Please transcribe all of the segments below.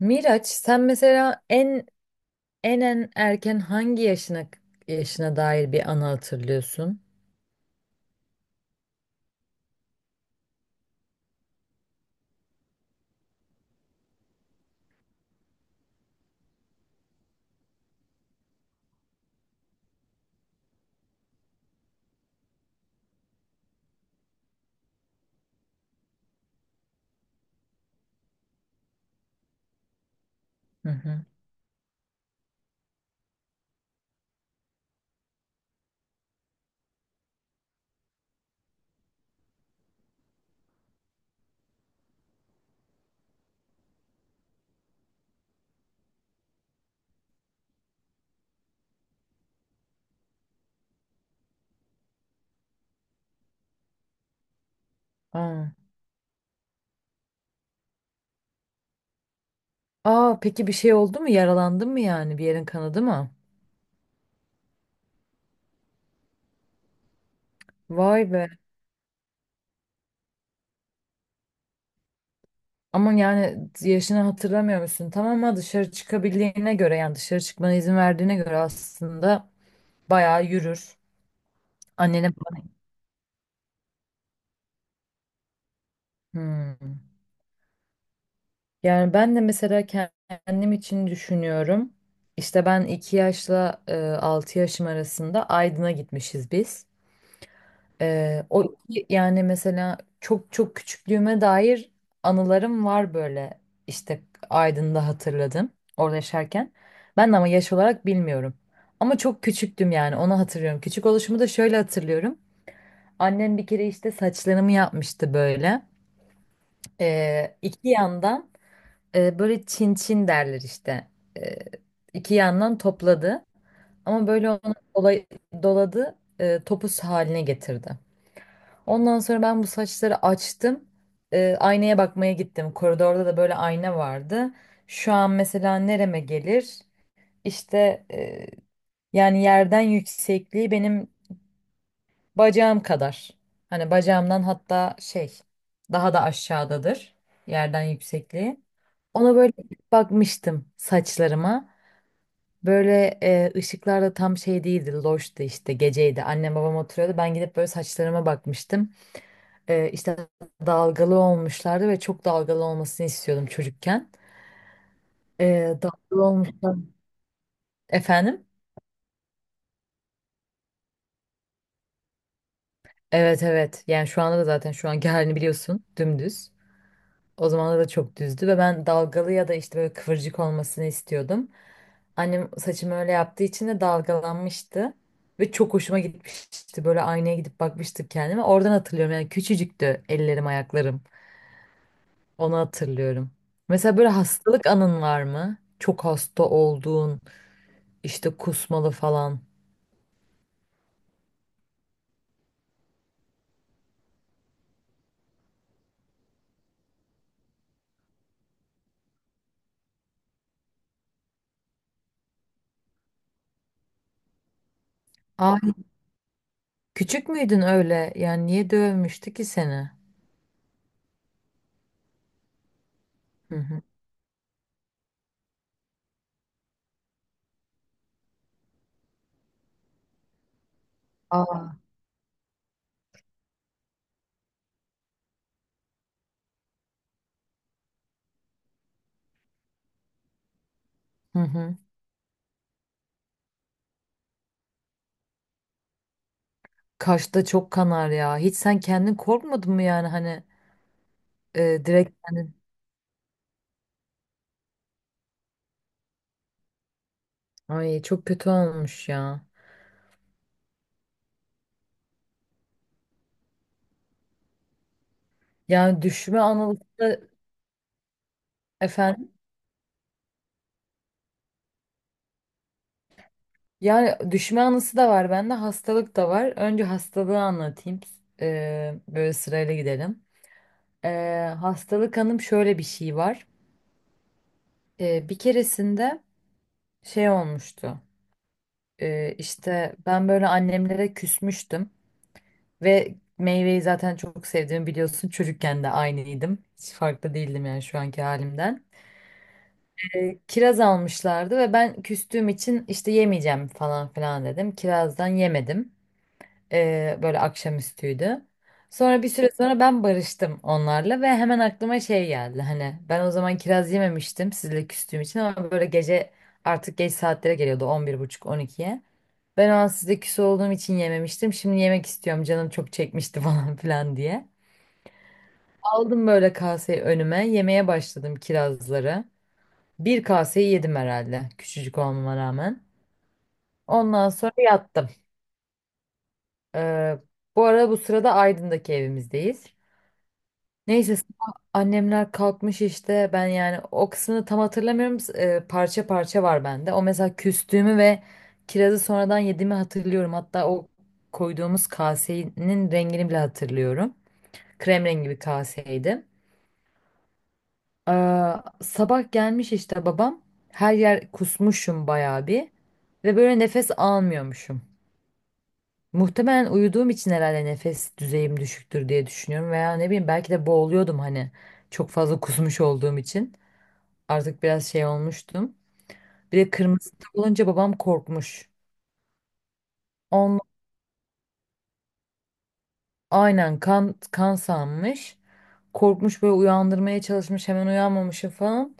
Miraç, sen mesela en erken hangi yaşına dair bir anı hatırlıyorsun? Hı hı. Aa. Aa, peki bir şey oldu mu? Yaralandın mı yani? Bir yerin kanadı mı? Vay be. Ama yani yaşını hatırlamıyor musun? Tamam ama dışarı çıkabildiğine göre yani dışarı çıkmana izin verdiğine göre aslında bayağı yürür. Annene falan. Hmm. Yani ben de mesela kendim için düşünüyorum. İşte ben 2 yaşla 6 yaşım arasında Aydın'a gitmişiz biz. E, o yani mesela çok çok küçüklüğüme dair anılarım var böyle. İşte Aydın'da hatırladım orada yaşarken. Ben de ama yaş olarak bilmiyorum. Ama çok küçüktüm yani onu hatırlıyorum. Küçük oluşumu da şöyle hatırlıyorum. Annem bir kere işte saçlarımı yapmıştı böyle. İki yandan. E, böyle çin çin derler işte. E, iki yandan topladı. Ama böyle onu doladı, topuz haline getirdi. Ondan sonra ben bu saçları açtım. Aynaya bakmaya gittim. Koridorda da böyle ayna vardı. Şu an mesela nereme gelir? İşte, yani yerden yüksekliği benim bacağım kadar. Hani bacağımdan hatta şey daha da aşağıdadır yerden yüksekliği. Ona böyle bakmıştım saçlarıma. Böyle ışıklar da tam şey değildi, loştu işte geceydi. Annem babam oturuyordu. Ben gidip böyle saçlarıma bakmıştım. İşte dalgalı olmuşlardı ve çok dalgalı olmasını istiyordum çocukken. E, Dalgalı olmuşlar. Efendim? Evet, evet. Yani şu anda da zaten şu anki halini biliyorsun. Dümdüz. O zamanlar da çok düzdü ve ben dalgalı ya da işte böyle kıvırcık olmasını istiyordum. Annem saçımı öyle yaptığı için de dalgalanmıştı ve çok hoşuma gitmişti. Böyle aynaya gidip bakmıştım kendime. Oradan hatırlıyorum yani küçücüktü ellerim ayaklarım. Onu hatırlıyorum. Mesela böyle hastalık anın var mı? Çok hasta olduğun, işte kusmalı falan. Aa, küçük müydün öyle? Yani niye dövmüştü ki seni? Hı hı. Aa. Hı hı. Kaşta çok kanar ya. Hiç sen kendin korkmadın mı yani hani direkt yani ay çok kötü olmuş ya. Yani efendim. Yani düşme anısı da var bende, hastalık da var. Önce hastalığı anlatayım. Böyle sırayla gidelim. Hastalık anım şöyle bir şey var. Bir keresinde şey olmuştu. İşte ben böyle annemlere küsmüştüm ve meyveyi zaten çok sevdiğimi biliyorsun. Çocukken de aynıydım. Hiç farklı değildim yani şu anki halimden. Kiraz almışlardı ve ben küstüğüm için işte yemeyeceğim falan filan dedim. Kirazdan yemedim. E, böyle akşamüstüydü. Sonra bir süre sonra ben barıştım onlarla ve hemen aklıma şey geldi. Hani ben o zaman kiraz yememiştim sizle küstüğüm için, ama böyle gece artık geç saatlere geliyordu, 11:30-12'ye. Ben o an sizle küs olduğum için yememiştim. Şimdi yemek istiyorum, canım çok çekmişti falan filan diye. Aldım böyle kaseyi önüme, yemeye başladım kirazları. Bir kaseyi yedim herhalde, küçücük olmama rağmen. Ondan sonra yattım. Ee, Bu arada bu sırada Aydın'daki evimizdeyiz. Neyse sabah annemler kalkmış işte, ben yani o kısmını tam hatırlamıyorum. Parça parça var bende. O mesela küstüğümü ve kirazı sonradan yediğimi hatırlıyorum. Hatta o koyduğumuz kasenin rengini bile hatırlıyorum. Krem rengi bir kaseydi. Aa, sabah gelmiş işte babam. Her yer kusmuşum bayağı bir. Ve böyle nefes almıyormuşum. Muhtemelen uyuduğum için herhalde nefes düzeyim düşüktür diye düşünüyorum. Veya ne bileyim, belki de boğuluyordum hani. Çok fazla kusmuş olduğum için. Artık biraz şey olmuştum. Bir de kırmızı tık olunca babam korkmuş. Aynen, kan sanmış. Korkmuş böyle uyandırmaya çalışmış, hemen uyanmamışım falan.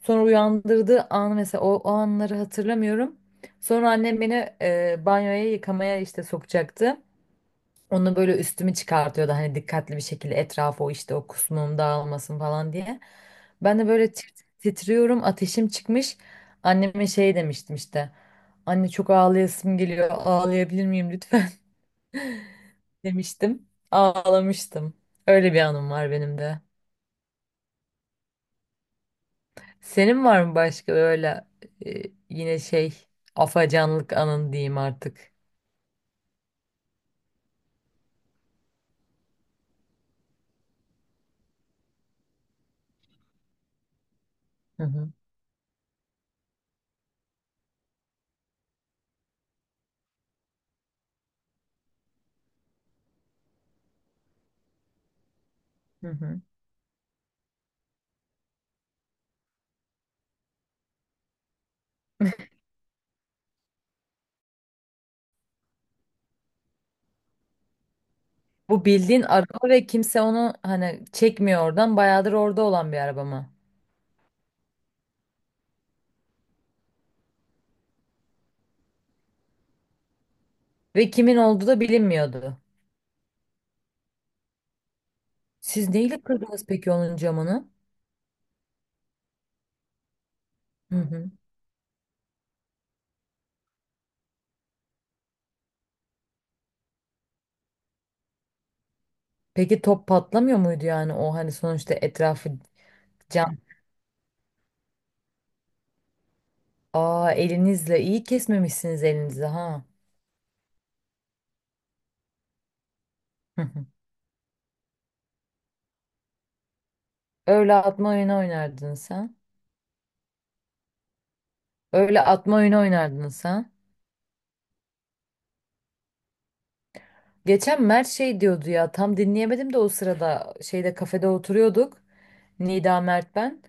Sonra uyandırdığı an mesela o anları hatırlamıyorum. Sonra annem beni banyoya yıkamaya işte sokacaktı. Onu böyle üstümü çıkartıyordu, hani dikkatli bir şekilde, etrafı o işte o kusmum dağılmasın falan diye. Ben de böyle titriyorum, ateşim çıkmış. Anneme şey demiştim işte. Anne çok ağlayasım geliyor, ağlayabilir miyim lütfen? Demiştim. Ağlamıştım. Öyle bir anım var benim de. Senin var mı başka öyle, e, yine şey, afacanlık anın diyeyim artık. Hı hı. Hı hı. Bu bildiğin araba ve kimse onu hani çekmiyor oradan. Bayağıdır orada olan bir araba mı? Ve kimin olduğu da bilinmiyordu. Siz neyle kırdınız peki onun camını? Hı hı. Peki top patlamıyor muydu yani, o hani sonuçta etrafı cam. Aa, elinizle iyi kesmemişsiniz elinizi ha. Öyle atma oyunu oynardın sen. Öyle atma oyunu oynardın sen. Geçen Mert şey diyordu ya, tam dinleyemedim de o sırada şeyde, kafede oturuyorduk. Nida, Mert, ben.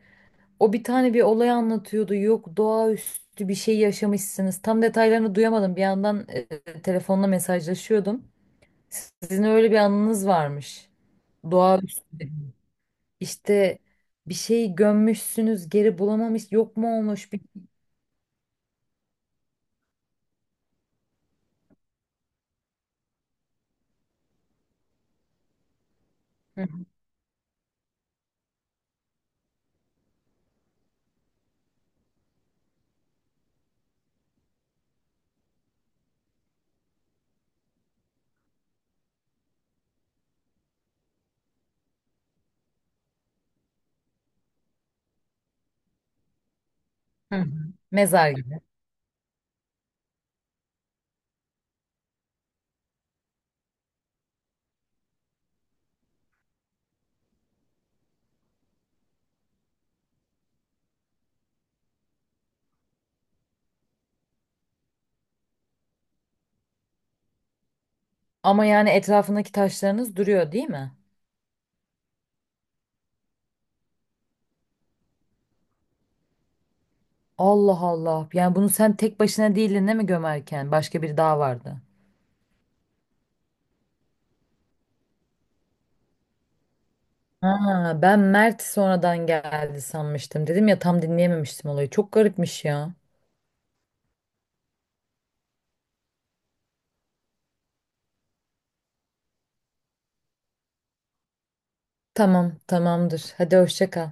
O bir tane bir olay anlatıyordu. Yok, doğaüstü bir şey yaşamışsınız. Tam detaylarını duyamadım. Bir yandan telefonla mesajlaşıyordum. Sizin öyle bir anınız varmış. Doğaüstü. İşte bir şeyi gömmüşsünüz geri bulamamış, yok mu olmuş bir Hı hı. Hı hı. mezar gibi. Ama yani etrafındaki taşlarınız duruyor değil mi? Allah Allah. Yani bunu sen tek başına değildin değil mi gömerken? Başka biri daha vardı. Ha, ben Mert sonradan geldi sanmıştım. Dedim ya tam dinleyememiştim olayı. Çok garipmiş ya. Tamam, tamamdır. Hadi hoşça kal.